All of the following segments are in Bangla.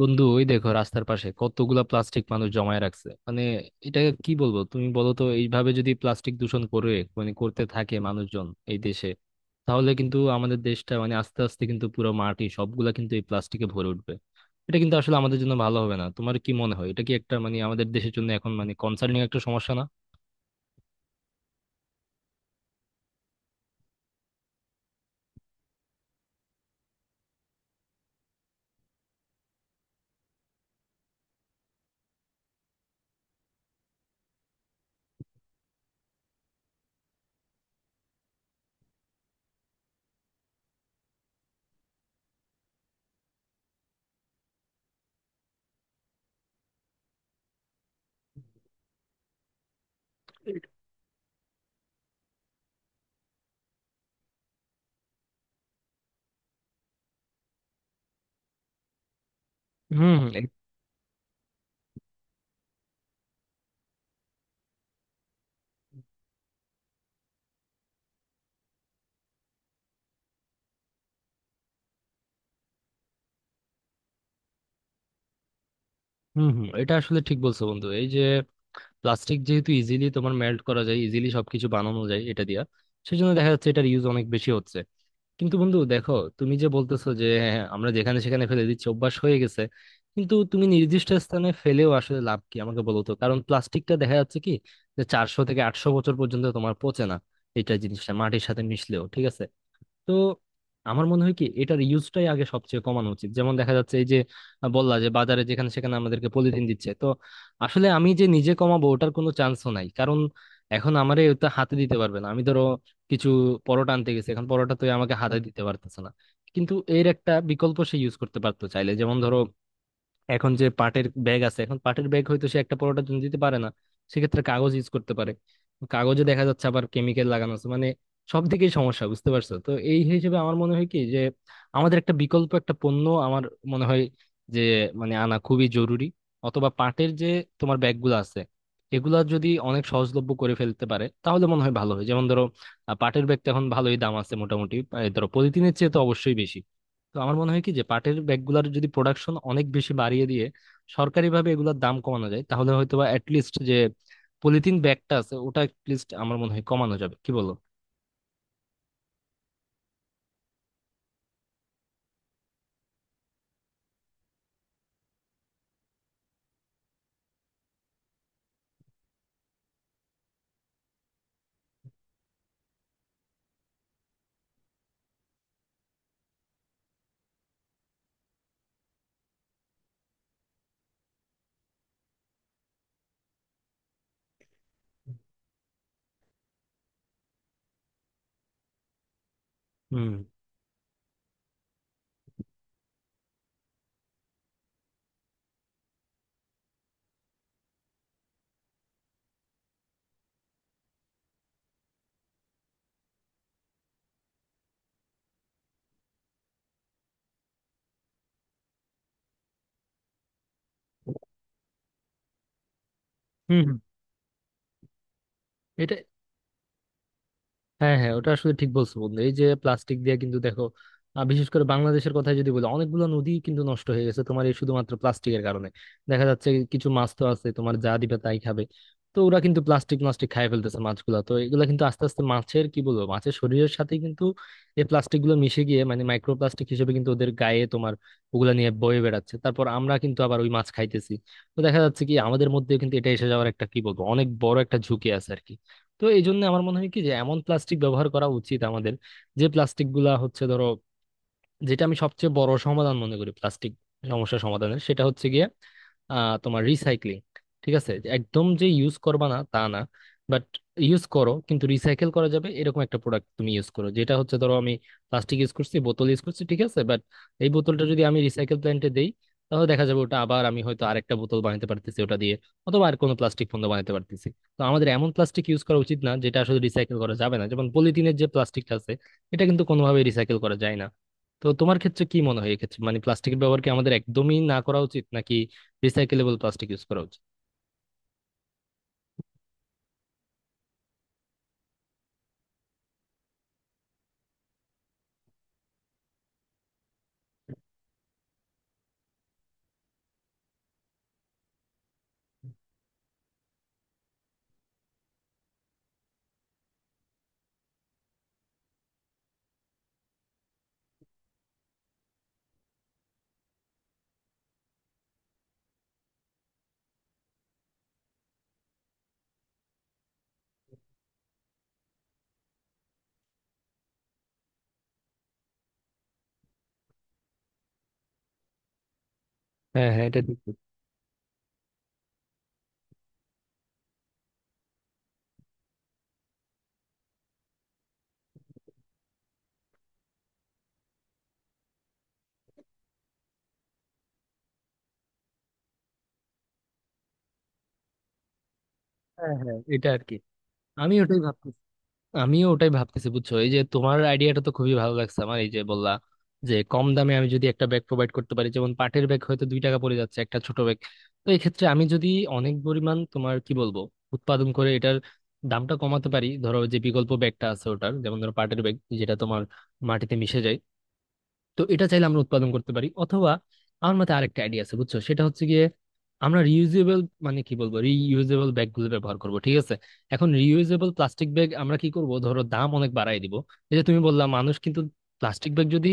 বন্ধু, ওই দেখো রাস্তার পাশে কতগুলা প্লাস্টিক মানুষ জমায় রাখছে। এটা কি বলবো, তুমি বলো তো। এইভাবে যদি প্লাস্টিক দূষণ করে, করতে থাকে মানুষজন এই দেশে, তাহলে কিন্তু আমাদের দেশটা, আস্তে আস্তে কিন্তু পুরো মাটি সবগুলা কিন্তু এই প্লাস্টিকে ভরে উঠবে। এটা কিন্তু আসলে আমাদের জন্য ভালো হবে না। তোমার কি মনে হয়, এটা কি একটা আমাদের দেশের জন্য এখন কনসার্নিং একটা সমস্যা না? হুম, হুম, হুম, হুম, এটা আসলে ঠিক বলছো বন্ধু। এই যে প্লাস্টিক যেহেতু ইজিলি তোমার মেল্ট করা যায়, ইজিলি সবকিছু বানানো যায় এটা দিয়া, সেজন্য দেখা যাচ্ছে এটার ইউজ অনেক বেশি হচ্ছে। কিন্তু বন্ধু দেখো, তুমি যে বলতেছো যে হ্যাঁ, আমরা যেখানে সেখানে ফেলে দিচ্ছি, অভ্যাস হয়ে গেছে, কিন্তু তুমি নির্দিষ্ট স্থানে ফেলেও আসলে লাভ কি আমাকে বলো তো। কারণ প্লাস্টিকটা দেখা যাচ্ছে কি, যে 400 থেকে 800 বছর পর্যন্ত তোমার পচে না। এটা জিনিসটা মাটির সাথে মিশলেও ঠিক আছে। তো আমার মনে হয় কি, এটার ইউজটাই আগে সবচেয়ে কমানো উচিত। যেমন দেখা যাচ্ছে এই যে বললা যে বাজারে যেখানে সেখানে আমাদেরকে পলিথিন দিচ্ছে, তো আসলে আমি যে নিজে কমাবো ওটার কোনো চান্সও নাই। কারণ এখন আমারে ওটা হাতে দিতে পারবে না। আমি ধরো কিছু পরোটা আনতে গেছি, এখন পরোটা তো এ আমাকে হাতে দিতে পারতেছে না। কিন্তু এর একটা বিকল্প সে ইউজ করতে পারতো চাইলে। যেমন ধরো এখন যে পাটের ব্যাগ আছে, এখন পাটের ব্যাগ হয়তো সে একটা পরোটার জন্য দিতে পারে না, সেক্ষেত্রে কাগজ ইউজ করতে পারে। কাগজে দেখা যাচ্ছে আবার কেমিক্যাল লাগানো আছে, সব দিকেই সমস্যা, বুঝতে পারছো তো? এই হিসেবে আমার মনে হয় কি যে, আমাদের একটা বিকল্প একটা পণ্য আমার মনে হয় যে আনা খুবই জরুরি, অথবা পাটের যে তোমার ব্যাগগুলো আছে, এগুলা যদি অনেক সহজলভ্য করে ফেলতে পারে তাহলে মনে হয় ভালো হয়। যেমন ধরো, পাটের ব্যাগটা এখন ভালোই দাম আছে মোটামুটি, ধরো পলিথিনের চেয়ে তো অবশ্যই বেশি। তো আমার মনে হয় কি যে পাটের ব্যাগগুলোর যদি প্রোডাকশন অনেক বেশি বাড়িয়ে দিয়ে সরকারিভাবে এগুলোর দাম কমানো যায়, তাহলে হয়তোবা বা লিস্ট যে পলিথিন ব্যাগটা আছে ওটা লিস্ট আমার মনে হয় কমানো যাবে। কি বলো? হুম। হুম, হুম। এটা, হ্যাঁ, হ্যাঁ, ওটা আসলে ঠিক বলছো বন্ধু। এই যে প্লাস্টিক দিয়ে কিন্তু দেখো, বিশেষ করে বাংলাদেশের কথা যদি বলি, অনেকগুলো নদী কিন্তু নষ্ট হয়ে গেছে তোমার এই শুধুমাত্র প্লাস্টিকের কারণে। দেখা যাচ্ছে কিছু মাছ তো আছে তোমার, যা দিবে তাই খাবে, তো ওরা কিন্তু প্লাস্টিক প্লাস্টিক খাই ফেলতেছে মাছগুলা। তো এগুলা কিন্তু আস্তে আস্তে মাছের কি বলবো, মাছের শরীরের সাথে কিন্তু এই প্লাস্টিক গুলো মিশে গিয়ে মাইক্রোপ্লাস্টিক হিসেবে কিন্তু ওদের গায়ে তোমার ওগুলা নিয়ে বয়ে বেড়াচ্ছে। তারপর আমরা কিন্তু আবার ওই মাছ খাইতেছি। তো দেখা যাচ্ছে কি, আমাদের মধ্যে কিন্তু এটা এসে যাওয়ার একটা কি বলবো, অনেক বড় একটা ঝুঁকি আছে আর কি। তো এই জন্য আমার মনে হয় কি যে, এমন প্লাস্টিক ব্যবহার করা উচিত আমাদের, যে প্লাস্টিক গুলা হচ্ছে ধরো, যেটা আমি সবচেয়ে বড় সমাধান মনে করি প্লাস্টিক সমস্যা সমাধানের, সেটা হচ্ছে গিয়ে তোমার রিসাইক্লিং। ঠিক আছে, যে একদম যে ইউজ করবা না তা না, বাট ইউজ করো কিন্তু রিসাইকেল করা যাবে এরকম একটা প্রোডাক্ট তুমি ইউজ করো। যেটা হচ্ছে ধরো আমি প্লাস্টিক ইউজ করছি, বোতল ইউজ করছি, ঠিক আছে, বাট এই বোতলটা যদি আমি রিসাইকেল প্ল্যান্টে দেই, তাহলে দেখা যাবে ওটা আবার আমি হয়তো আরেকটা বোতল বানাতে পারতেছি ওটা দিয়ে, অথবা আর কোনো প্লাস্টিক পণ্য বানাতে পারতেছি। তো আমাদের এমন প্লাস্টিক ইউজ করা উচিত না যেটা আসলে রিসাইকেল করা যাবে না, যেমন পলিথিনের যে প্লাস্টিকটা আছে এটা কিন্তু কোনোভাবে রিসাইকেল করা যায় না। তো তোমার ক্ষেত্রে কি মনে হয় এক্ষেত্রে, প্লাস্টিকের ব্যবহার কি আমাদের একদমই না করা উচিত, নাকি রিসাইকেলেবল প্লাস্টিক ইউজ করা উচিত? হ্যাঁ, হ্যাঁ, এটা ঠিক বলছো। হ্যাঁ, হ্যাঁ, এটা আর কি, আমি ওটাই ভাবছি। আমিও ওটাই ভাবতেছি, বুঝছো। এই যে তোমার আইডিয়াটা তো খুবই ভালো লাগছে আমার, এই যে বললা যে কম দামে আমি যদি একটা ব্যাগ প্রোভাইড করতে পারি, যেমন পাটের ব্যাগ হয়তো 2 টাকা পড়ে যাচ্ছে একটা ছোট ব্যাগ। তো এই ক্ষেত্রে আমি যদি অনেক পরিমাণ তোমার কি বলবো উৎপাদন করে এটার দামটা কমাতে পারি, ধরো যে বিকল্প ব্যাগটা আছে ওটার, যেমন ধরো পাটের ব্যাগ যেটা তোমার মাটিতে মিশে যায়, তো এটা চাইলে আমরা উৎপাদন করতে পারি। অথবা আমার মতে আরেকটা আইডিয়া আছে বুঝছো, সেটা হচ্ছে গিয়ে আমরা রিইউজেবল, কি বলবো, রিইউজেবল ব্যাগগুলো ব্যবহার করব, ঠিক আছে? এখন রিইউজেবল প্লাস্টিক ব্যাগ আমরা কি করব, ধরো দাম অনেক বাড়ায় দিব। এই যে তুমি বললা মানুষ কিন্তু, প্লাস্টিক ব্যাগ যদি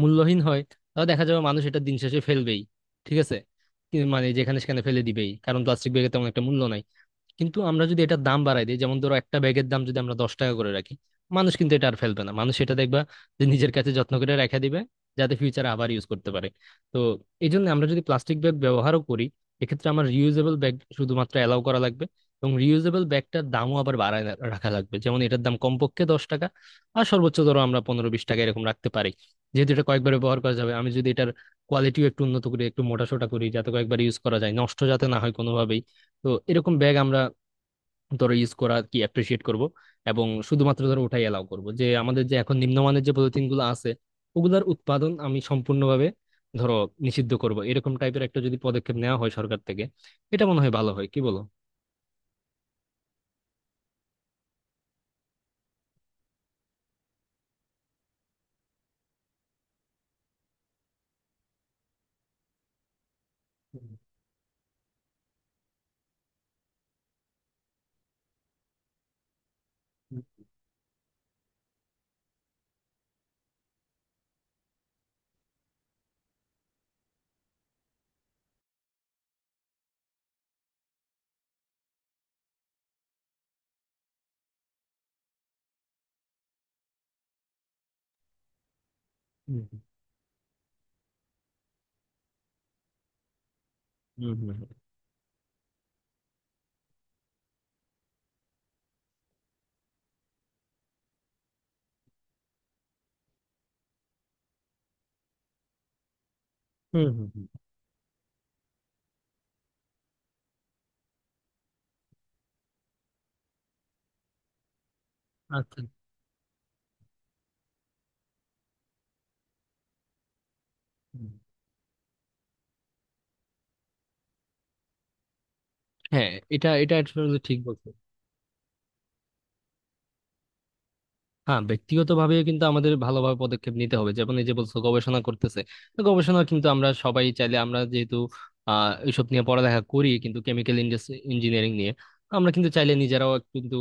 মূল্যহীন হয়, তাহলে দেখা যাবে মানুষ এটা দিন শেষে ফেলবেই, ঠিক আছে, কি- মানে যেখানে সেখানে ফেলে দিবেই, কারণ প্লাস্টিক ব্যাগের তেমন একটা মূল্য নাই। কিন্তু আমরা যদি এটার দাম বাড়াই দিই, যেমন ধরো একটা ব্যাগের দাম যদি আমরা 10 টাকা করে রাখি, মানুষ কিন্তু এটা আর ফেলবে না, মানুষ এটা দেখবা যে নিজের কাছে যত্ন করে রেখে দিবে, যাতে ফিউচারে আবার ইউজ করতে পারে। তো এই জন্য আমরা যদি প্লাস্টিক ব্যাগ ব্যবহারও করি, এক্ষেত্রে আমার রিউজেবল ব্যাগ শুধুমাত্র অ্যালাউ করা লাগবে, এবং রিউজেবল ব্যাগটার দামও আবার বাড়ায় রাখা লাগবে। যেমন এটার দাম কমপক্ষে 10 টাকা, আর সর্বোচ্চ ধরো আমরা 15-20 টাকা এরকম রাখতে পারি, যেহেতু এটা কয়েকবার ব্যবহার করা যাবে। আমি যদি এটার কোয়ালিটিও একটু উন্নত করি, একটু মোটা সোটা করি যাতে কয়েকবার ইউজ করা যায়, নষ্ট যাতে না হয় কোনোভাবেই, তো এরকম ব্যাগ আমরা ধরো ইউজ করা কি অ্যাপ্রিসিয়েট করব, এবং শুধুমাত্র ধরো ওটাই অ্যালাউ করব। যে আমাদের যে এখন নিম্নমানের যে পলিথিনগুলো আছে, ওগুলার উৎপাদন আমি সম্পূর্ণভাবে ধরো নিষিদ্ধ করব, এরকম টাইপের একটা যদি পদক্ষেপ নেওয়া হয় সরকার থেকে, এটা মনে হয় ভালো হয়। কি বলো? হুম। হুম, হুম। হুম, হুম, হুম। হুম, হুম। আচ্ছা। হুম। হ্যাঁ, এটা, এটা আসলে ঠিক বলছো। হ্যাঁ, ব্যক্তিগতভাবে কিন্তু আমাদের ভালোভাবে পদক্ষেপ নিতে হবে। যেমন এই যে বলছো গবেষণা করতেছে, তো গবেষণা কিন্তু আমরা সবাই চাইলে, আমরা যেহেতু এইসব নিয়ে পড়ালেখা করি কিন্তু কেমিক্যাল ইঞ্জিনিয়ারিং নিয়ে, আমরা কিন্তু চাইলে নিজেরাও কিন্তু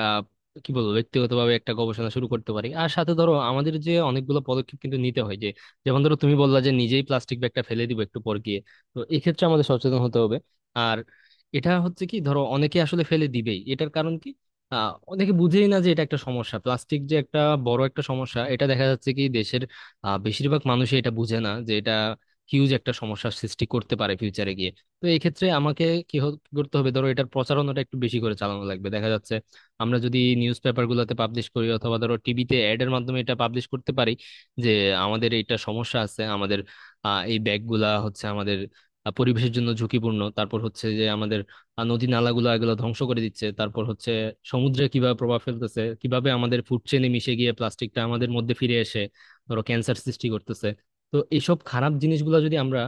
আহ কি বলবো, ব্যক্তিগতভাবে একটা গবেষণা শুরু করতে পারি। আর সাথে ধরো আমাদের যে অনেকগুলো পদক্ষেপ কিন্তু নিতে হয় যে, যেমন ধরো তুমি বললা যে নিজেই প্লাস্টিক ব্যাগটা ফেলে দিব একটু পর গিয়ে, তো এক্ষেত্রে আমাদের সচেতন হতে হবে। আর এটা হচ্ছে কি, ধরো অনেকে আসলে ফেলে দিবেই, এটার কারণ কি, অনেকে বুঝেই না যে এটা একটা সমস্যা, প্লাস্টিক যে একটা বড় একটা সমস্যা। এটা দেখা যাচ্ছে কি দেশের বেশিরভাগ মানুষই এটা বুঝে না যে এটা হিউজ একটা সমস্যার সৃষ্টি করতে পারে ফিউচারে গিয়ে। তো এই ক্ষেত্রে আমাকে কি করতে হবে, ধরো এটার প্রচারণাটা একটু বেশি করে চালানো লাগবে। দেখা যাচ্ছে আমরা যদি নিউজ পেপার গুলোতে পাবলিশ করি, অথবা ধরো টিভিতে অ্যাড এর মাধ্যমে এটা পাবলিশ করতে পারি যে আমাদের এটা সমস্যা আছে, আমাদের এই ব্যাগগুলা হচ্ছে আমাদের পরিবেশের জন্য ঝুঁকিপূর্ণ। তারপর হচ্ছে যে আমাদের আর নদী নালাগুলো এগুলো ধ্বংস করে দিচ্ছে, তারপর হচ্ছে সমুদ্রে কিভাবে প্রভাব ফেলতেছে, কিভাবে আমাদের ফুড চেইনে মিশে গিয়ে প্লাস্টিকটা আমাদের মধ্যে ফিরে এসে ধরো ক্যান্সার সৃষ্টি করতেছে। তো এইসব খারাপ জিনিসগুলো যদি আমরা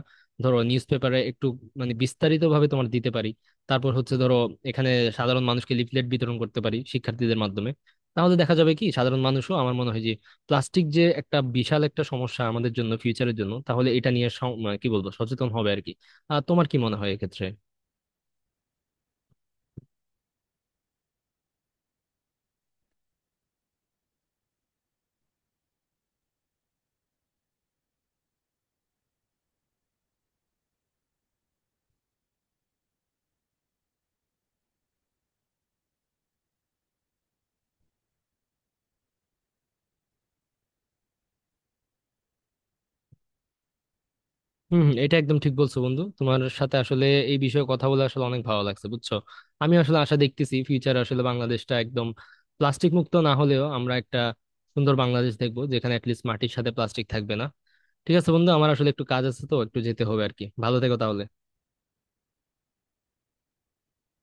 ধরো নিউজ পেপারে একটু বিস্তারিত ভাবে তোমার দিতে পারি, তারপর হচ্ছে ধরো এখানে সাধারণ মানুষকে লিফলেট বিতরণ করতে পারি শিক্ষার্থীদের মাধ্যমে, তাহলে দেখা যাবে কি সাধারণ মানুষও আমার মনে হয় যে প্লাস্টিক যে একটা বিশাল একটা সমস্যা আমাদের জন্য, ফিউচারের জন্য, তাহলে এটা নিয়ে সম- মানে কি বলবো, সচেতন হবে আর কি। তোমার কি মনে হয় এক্ষেত্রে? হম, হম, এটা একদম ঠিক বলছো বন্ধু। তোমার সাথে আসলে এই বিষয়ে কথা বলে আসলে অনেক ভালো লাগছে, বুঝছো। আমি আসলে আশা দেখতেছি ফিউচার আসলে বাংলাদেশটা একদম প্লাস্টিক মুক্ত না হলেও, আমরা একটা সুন্দর বাংলাদেশ দেখবো যেখানে অ্যাটলিস্ট মাটির সাথে প্লাস্টিক থাকবে না। ঠিক আছে বন্ধু, আমার আসলে একটু কাজ আছে তো একটু যেতে হবে আর কি। ভালো থেকো তাহলে।